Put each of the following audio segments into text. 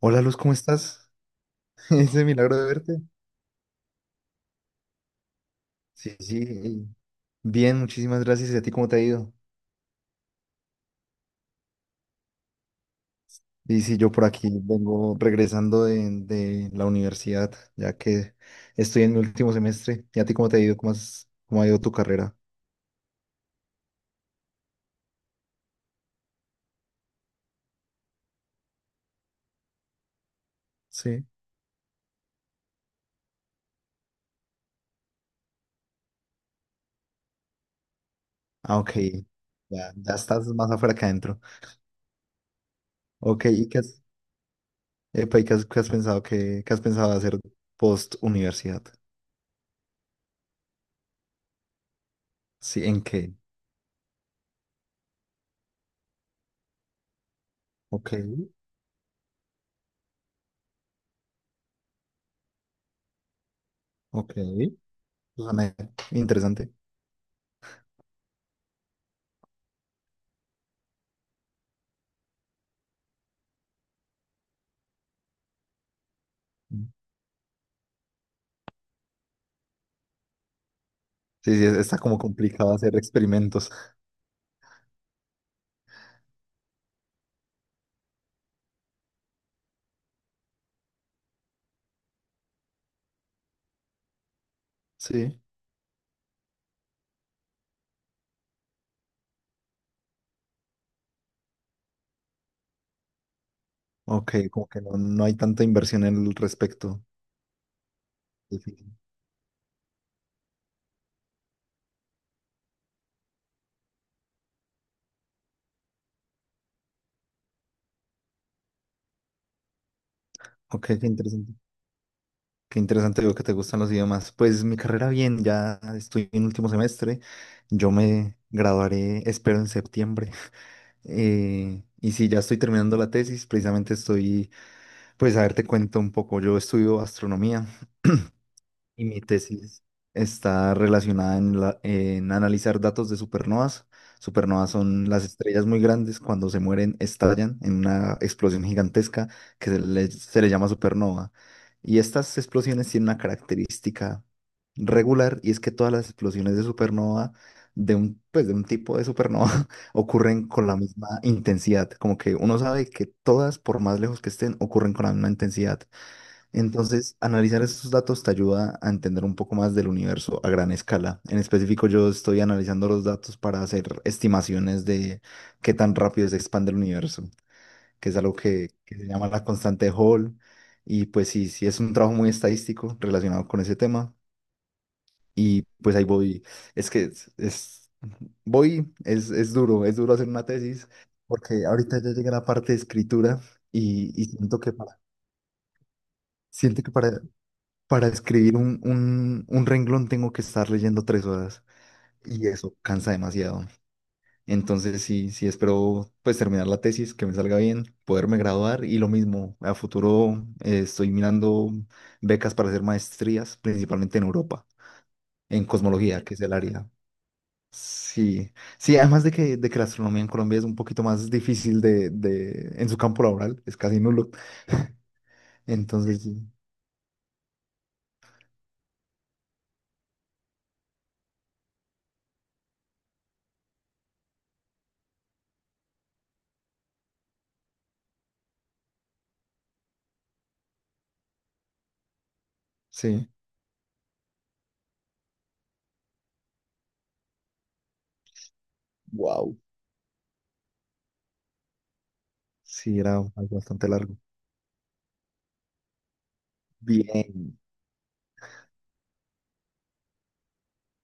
Hola Luz, ¿cómo estás? Ese milagro de verte. Sí, sí, bien, muchísimas gracias. ¿Y a ti cómo te ha ido? Y sí, yo por aquí vengo regresando de la universidad, ya que estoy en mi último semestre. ¿Y a ti cómo te ha ido? ¿Cómo cómo ha ido tu carrera? Sí. Ah, ok. Ya, ya estás más afuera que adentro. Ok, epa, ¿qué has pensado qué has pensado hacer post universidad? Sí, ¿en qué? Ok, ok. Suena interesante. Sí, sí, está como complicado hacer experimentos. Sí, ok, como que no, no hay tanta inversión en el respecto. Difícil. Ok, qué interesante. Qué interesante, veo que te gustan los idiomas. Pues mi carrera bien, ya estoy en último semestre. Yo me graduaré, espero, en septiembre. Y sí, ya estoy terminando la tesis. Pues a ver, te cuento un poco. Yo estudio astronomía. Y mi tesis está relacionada en analizar datos de supernovas. Supernovas son las estrellas muy grandes; cuando se mueren estallan en una explosión gigantesca que se le llama supernova. Y estas explosiones tienen una característica regular, y es que todas las explosiones de supernova, pues de un tipo de supernova, ocurren con la misma intensidad. Como que uno sabe que todas, por más lejos que estén, ocurren con la misma intensidad. Entonces, analizar esos datos te ayuda a entender un poco más del universo a gran escala. En específico, yo estoy analizando los datos para hacer estimaciones de qué tan rápido se expande el universo, que es algo que se llama la constante de Hall. Y pues sí, sí es un trabajo muy estadístico relacionado con ese tema. Y pues ahí voy. Es que es- voy, Es duro, es duro hacer una tesis, porque ahorita ya llega la parte de escritura y siento que siento que para Para escribir un renglón tengo que estar leyendo 3 horas, y eso cansa demasiado. Entonces sí, sí espero pues terminar la tesis, que me salga bien, poderme graduar, y lo mismo, a futuro estoy mirando becas para hacer maestrías, principalmente en Europa, en cosmología, que es el área. Sí, sí, además de que la astronomía en Colombia es un poquito más difícil en su campo laboral, es casi nulo. Entonces sí, sí, wow, sí, era algo bastante largo. Bien.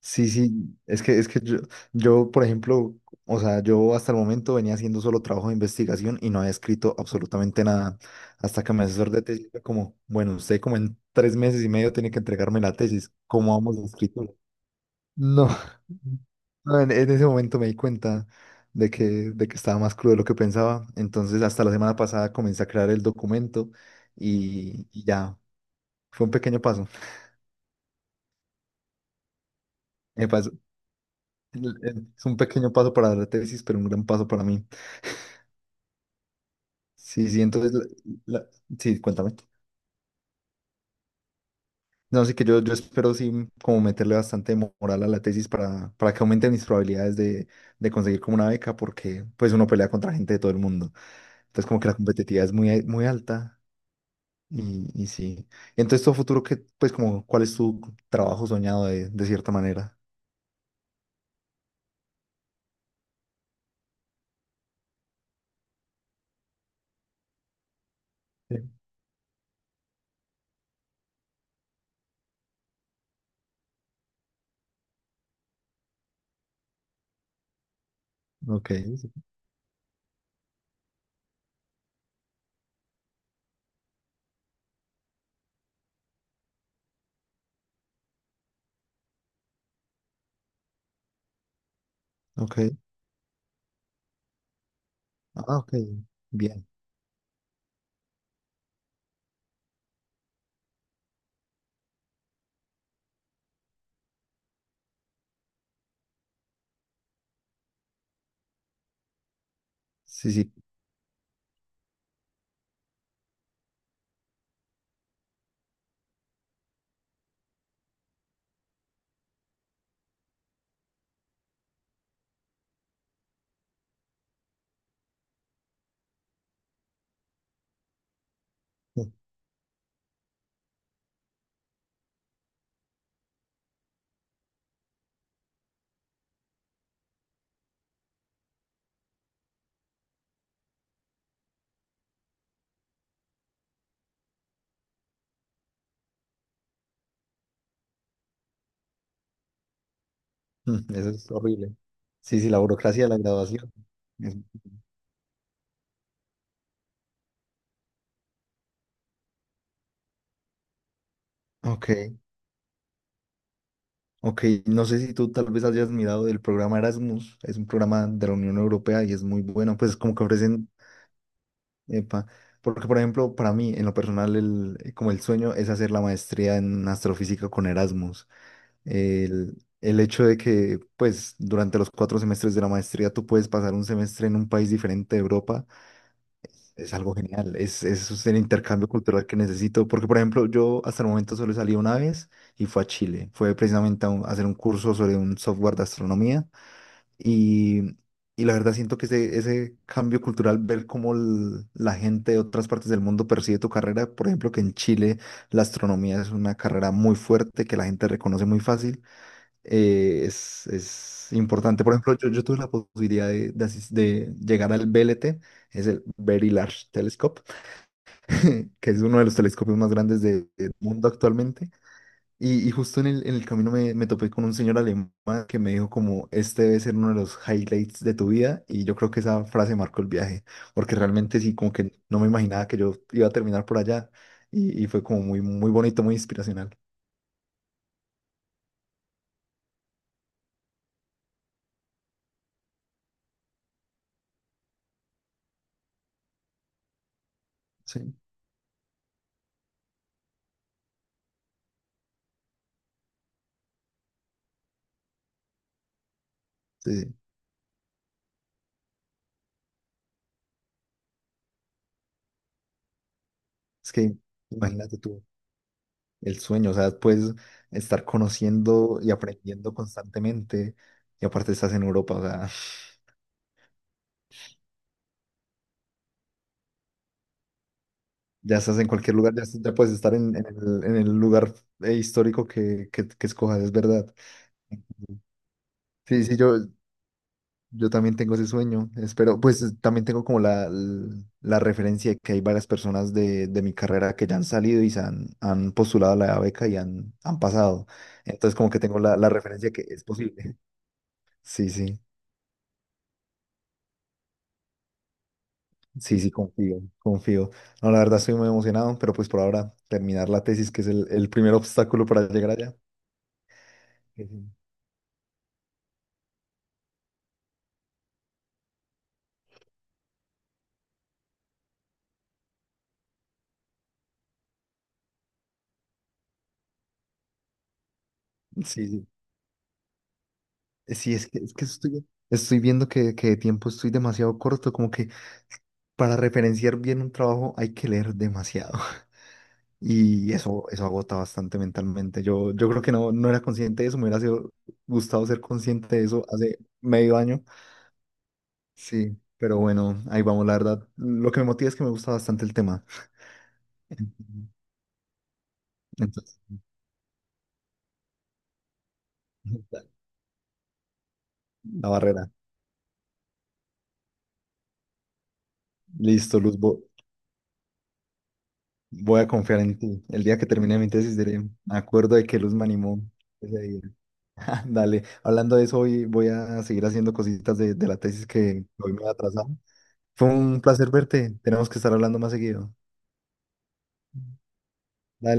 Sí, sí, es que yo, por ejemplo, o sea, yo hasta el momento venía haciendo solo trabajo de investigación y no había escrito absolutamente nada. Hasta que mi asesor de tesis fue como, bueno, usted como en 3 meses y medio tiene que entregarme la tesis, ¿cómo vamos de escritura? No, no, en ese momento me di cuenta de que, de que estaba más crudo de lo que pensaba. Entonces, hasta la semana pasada comencé a crear el documento y ya, fue un pequeño paso. Me pasó- Es un pequeño paso para la tesis, pero un gran paso para mí. Sí, sí, entonces, la- la- sí, cuéntame. No, sí que yo espero sí como meterle bastante moral a la tesis para que aumente mis probabilidades de conseguir como una beca, porque pues uno pelea contra gente de todo el mundo. Entonces como que la competitividad es muy, muy alta y, y sí. Y entonces tu futuro, que pues como, ¿cuál es tu trabajo soñado de cierta manera? Sí. Ok, sí, ok. Ah, ok. Bien. Sí, sí. Mm, eso es horrible. Sí, sí, la burocracia de la graduación. Es- Ok. Ok, no sé si tú tal vez hayas mirado el programa Erasmus, es un programa de la Unión Europea y es muy bueno, pues como que ofrecen, epa, porque por ejemplo, para mí, en lo personal, como el sueño es hacer la maestría en astrofísica con Erasmus. El hecho de que, pues, durante los 4 semestres de la maestría tú puedes pasar un semestre en un país diferente de Europa es algo genial, es el intercambio cultural que necesito, porque por ejemplo yo hasta el momento solo salí una vez y fue a Chile, fue precisamente a, a hacer un curso sobre un software de astronomía y, y la verdad siento que ese cambio cultural, ver cómo la gente de otras partes del mundo percibe tu carrera, por ejemplo que en Chile la astronomía es una carrera muy fuerte que la gente reconoce muy fácil, es importante. Por ejemplo, yo tuve la posibilidad de llegar al BLT, es el Very Large Telescope que es uno de los telescopios más grandes del mundo actualmente. Y justo en el camino me, me topé con un señor alemán que me dijo como, este debe ser uno de los highlights de tu vida. Y yo creo que esa frase marcó el viaje, porque realmente sí, como que no me imaginaba que yo iba a terminar por allá. Y fue como muy, muy bonito, muy inspiracional. Sí, sí, sí. Es que imagínate tú el sueño, o sea, puedes estar conociendo y aprendiendo constantemente. Y aparte estás en Europa, o sea, ya estás en cualquier lugar, ya, ya puedes estar en, en el lugar histórico que escojas, es verdad. Ujú. Sí, sí, yo también tengo ese sueño, espero, pues también tengo como la, la referencia de que hay varias personas de mi carrera que ya han salido y se han, han postulado a la beca y han, han pasado. Entonces como que tengo la, la referencia que es posible. Sí, sí, sí, sí, confío, confío. No, la verdad estoy muy emocionado, pero pues por ahora terminar la tesis, que es el primer obstáculo para llegar allá. Sí, sí. Sí, sí, es que estoy, estoy viendo que de tiempo estoy demasiado corto, como que para referenciar bien un trabajo hay que leer demasiado y eso agota bastante mentalmente. Yo creo que no, no era consciente de eso, gustado ser consciente de eso hace medio año, sí, pero bueno, ahí vamos, la verdad. Lo que me motiva es que me gusta bastante el tema. Ujú. Entonces, la barrera. Listo, Luz, voy a confiar en ti. El día que termine mi tesis diré, me acuerdo de que Luz me animó ese día. Dale, hablando de eso, hoy voy a seguir haciendo cositas de la tesis que hoy me ha atrasado. Fue un placer verte. Tenemos que estar hablando más seguido. Dale.